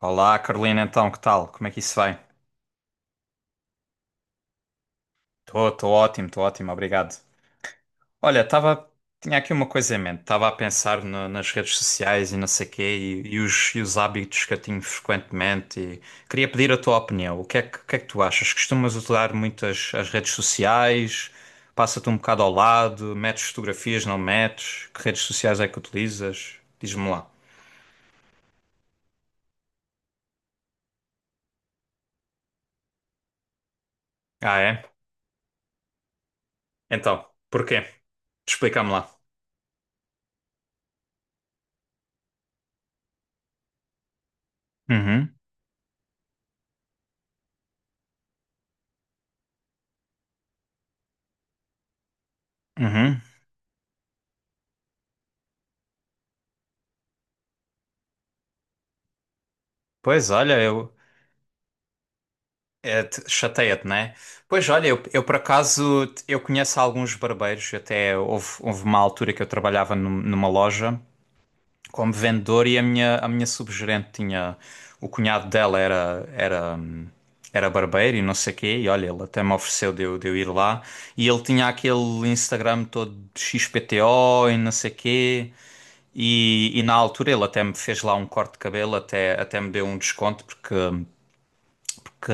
Olá, Carolina, então, que tal? Como é que isso vai? Estou ótimo, estou ótimo, obrigado. Olha, estava, tinha aqui uma coisa em mente, estava a pensar nas redes sociais e não sei quê, e os hábitos que eu tenho frequentemente, e queria pedir a tua opinião. O que é que tu achas? Costumas utilizar muito as redes sociais? Passa-te um bocado ao lado? Metes fotografias, não metes? Que redes sociais é que utilizas? Diz-me lá. Ah, é? Então, porquê? Explica-me lá. Uhum, uhum. Pois olha, eu. É, chateia-te, né? Pois olha, eu por acaso eu conheço alguns barbeiros, até houve, houve uma altura que eu trabalhava numa loja como vendedor e a minha subgerente tinha o cunhado dela era, era, era barbeiro e não sei quê, e olha, ele até me ofereceu de eu ir lá e ele tinha aquele Instagram todo de XPTO e não sei quê. E na altura ele até me fez lá um corte de cabelo, até me deu um desconto porque que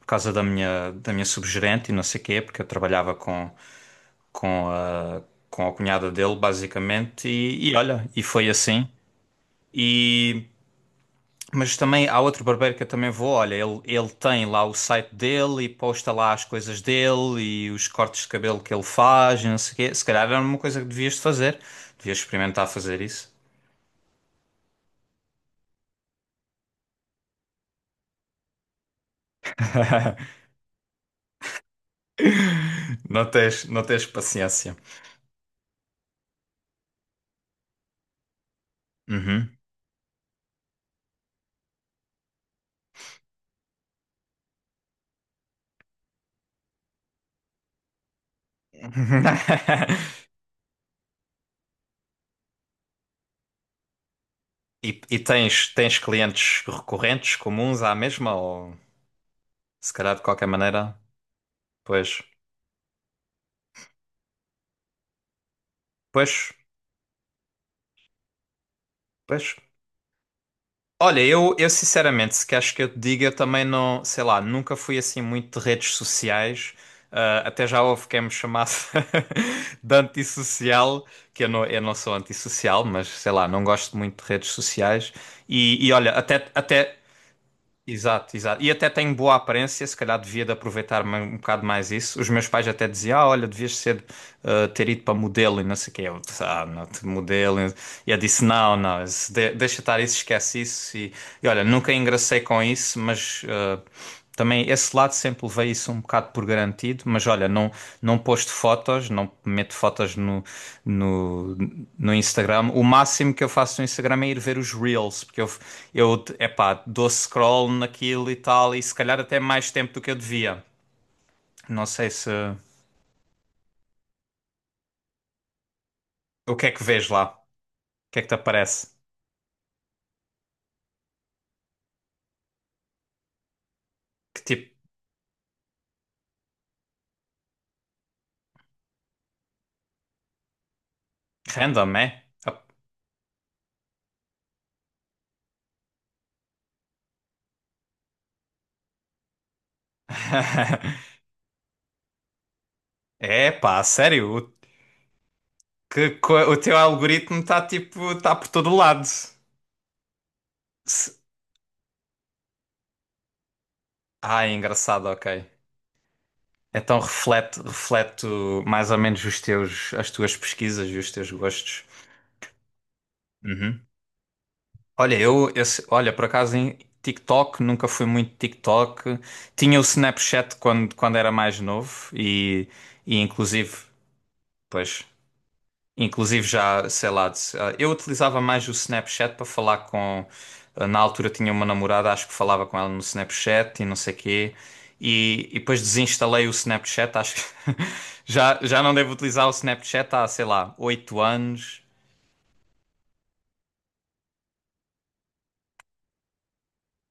por causa da minha subgerente e não sei quê, porque eu trabalhava com a, com a cunhada dele, basicamente, e olha, e foi assim. E, mas também há outro barbeiro que eu também vou, olha, ele tem lá o site dele e posta lá as coisas dele e os cortes de cabelo que ele faz e não sei o quê. Se calhar era uma coisa que devias de fazer, devias experimentar fazer isso. Não tens paciência. Uhum. E tens clientes recorrentes comuns à mesma ou se calhar de qualquer maneira? Pois, pois, pois. Olha, eu sinceramente, se queres que eu te diga, eu também não, sei lá, nunca fui assim muito de redes sociais. Ah, até já houve quem me chamasse de antissocial, que eu não sou antissocial, mas sei lá, não gosto muito de redes sociais. E olha, até, até Exato, exato. E até tenho boa aparência, se calhar devia de aproveitar um bocado mais isso. Os meus pais até diziam, ah, olha, devias ser, ter ido para modelo e não sei o quê. Eu disse, ah, não, modelo. E eu disse, não, não, isso deixa estar isso, esquece isso. E olha, nunca engracei com isso, mas também esse lado sempre levei isso um bocado por garantido, mas olha, não, não posto fotos, não meto fotos no, no, no Instagram. O máximo que eu faço no Instagram é ir ver os Reels, porque eu epá, dou scroll naquilo e tal, e se calhar até mais tempo do que eu devia. Não sei se. O que é que vês lá? O que é que te aparece? Que tipo. Random, é? É pá, sério, o, que, o teu algoritmo está tipo, está por todo lado. Se- Ah, é engraçado, ok. Então reflete mais ou menos as tuas pesquisas e os teus gostos. Uhum. Olha, eu, esse, olha, por acaso em TikTok, nunca fui muito TikTok. Tinha o Snapchat quando, quando era mais novo e inclusive, pois, Inclusive já, sei lá, ah, eu utilizava mais o Snapchat para falar com. Ah, Na altura tinha uma namorada, acho que falava com ela no Snapchat e não sei quê. E depois desinstalei o Snapchat, acho que já, já não devo utilizar o Snapchat há, sei lá, 8 anos.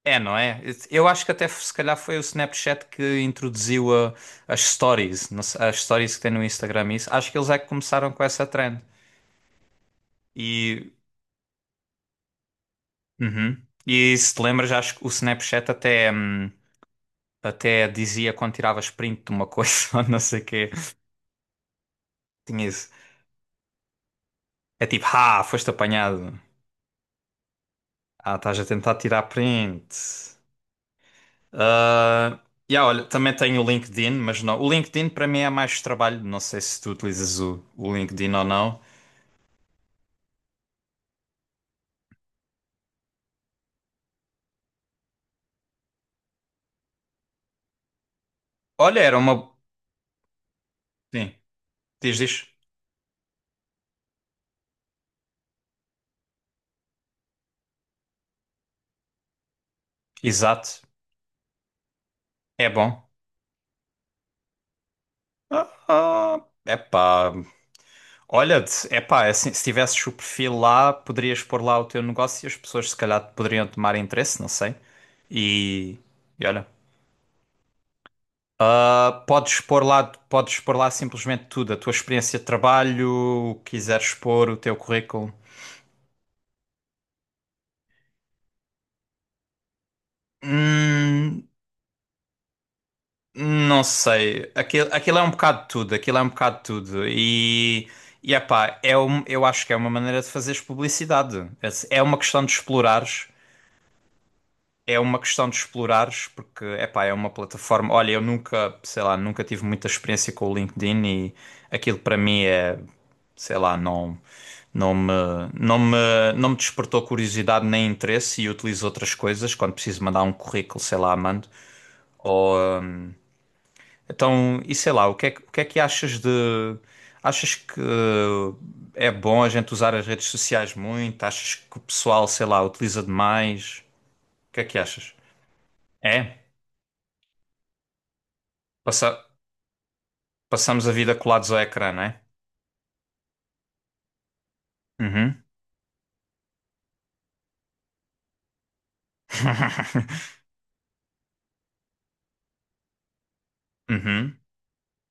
É, não é? Eu acho que até se calhar foi o Snapchat que introduziu as stories, não sei- as stories que tem no Instagram. Isso. Acho que eles é que começaram com essa trend. E, uhum. E se te lembras, acho que o Snapchat até. Até dizia quando tiravas print de uma coisa ou não sei o quê. Tinha isso. É tipo, ah, foste apanhado. Ah, estás a tentar tirar print. Ah, yeah, olha, também tenho o LinkedIn, mas não. O LinkedIn para mim é mais trabalho. Não sei se tu utilizas o LinkedIn ou não. Olha, era uma. Sim, diz, diz. Exato. É bom. Ah, ah, epá, Olha, se- epá, é assim, se tivesses o perfil lá, poderias pôr lá o teu negócio e as pessoas se calhar poderiam tomar interesse, não sei. E, e olha, ah, podes pôr lá simplesmente tudo, a tua experiência de trabalho, o que quiseres pôr, o teu currículo. Hum, não sei, aquilo é um bocado de tudo, aquilo é um bocado de tudo. E epá, é um, eu acho que é uma maneira de fazeres publicidade. É é uma questão de explorares. É uma questão de explorares, porque, epá, é uma plataforma. Olha, eu nunca, sei lá, nunca tive muita experiência com o LinkedIn e aquilo para mim é, sei lá, não, não me, não me despertou curiosidade nem interesse e utilizo outras coisas quando preciso mandar um currículo, sei lá, mando. Ou, então, e sei lá, o que é, o que é que achas de. Achas que é bom a gente usar as redes sociais muito? Achas que o pessoal, sei lá, utiliza demais? O que é que achas? É? Passa. Passamos a vida colados ao ecrã, não é? Uhum. Uhum.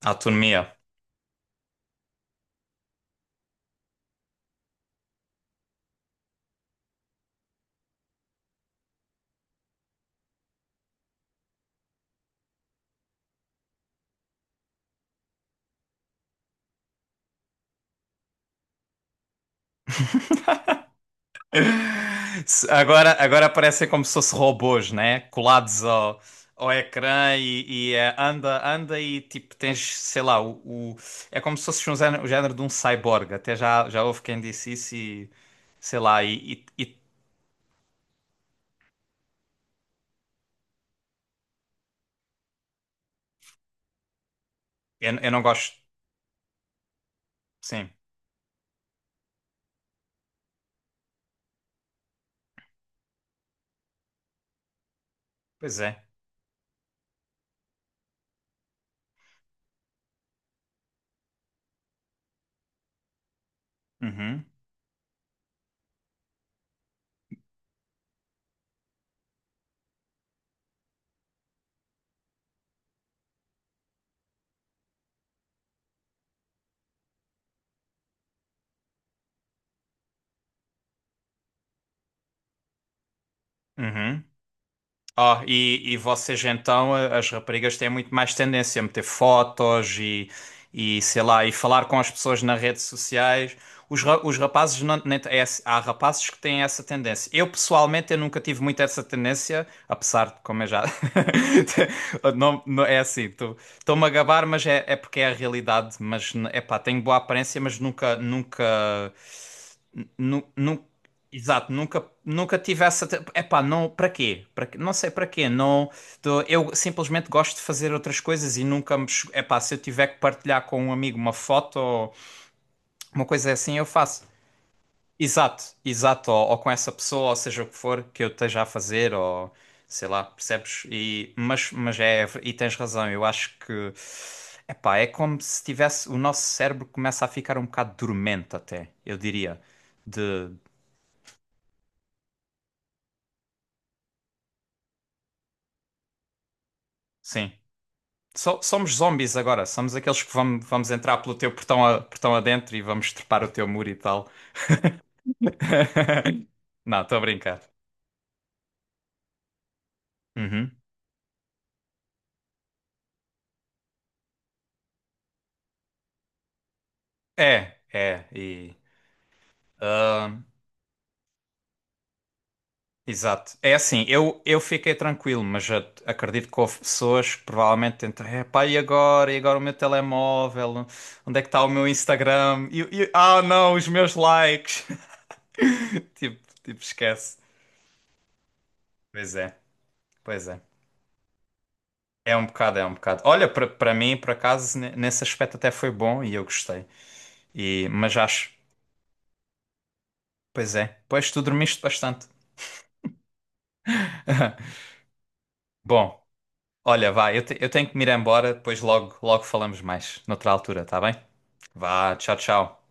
Autonomia. Se- Agora, agora parecem como se fossem robôs, né? Colados ao, ao ecrã e, anda, anda e tipo tens, sei lá, o, é como se fosse um género, o género de um cyborg. Até já, já houve quem disse isso e sei lá, e, eu não gosto. Sim, pois é. Uhum. Uhum. Ah, e vocês então, as raparigas têm muito mais tendência a meter fotos e sei lá, e falar com as pessoas nas redes sociais. Os, os rapazes, não, nem t- é assim- há rapazes que têm essa tendência. Eu pessoalmente, eu nunca tive muito essa tendência, apesar de, como eu já. não, é assim, estou-me a gabar, mas é, é porque é a realidade. Mas, é pá, tenho boa aparência, mas nunca, nunca. Nu, nu- Exato, nunca, nunca tive essa. Epá, não, para quê? Para, quê? Não sei para quê. Não, eu simplesmente gosto de fazer outras coisas e nunca me. Epá, se eu tiver que partilhar com um amigo uma foto ou uma coisa assim, eu faço. Exato, exato. Ou com essa pessoa, ou seja o que for que eu esteja a fazer, ou sei lá, percebes? E, mas é. E tens razão, eu acho que. Epá, é como se tivesse. O nosso cérebro começa a ficar um bocado dormente, até, eu diria. De. Sim. Somos zombies agora, somos aqueles que vamos, vamos entrar pelo teu portão, a, portão adentro e vamos trepar o teu muro e tal. Não, estou a brincar. Uhum. É, é, e. ah, exato. É assim, eu fiquei tranquilo, acredito que houve pessoas que provavelmente tentam, é pá, e agora? E agora o meu telemóvel? Onde é que está o meu Instagram? E, ah, não, os meus likes. Tipo, tipo, esquece. Pois é, pois é. É um bocado, é um bocado. Olha, para para mim, por acaso, nesse aspecto até foi bom e eu gostei. E, mas acho, pois é, pois tu dormiste bastante. Bom, olha, vá, eu, eu tenho que me ir embora, depois logo, logo falamos mais, noutra altura, tá bem? Vá, tchau, tchau.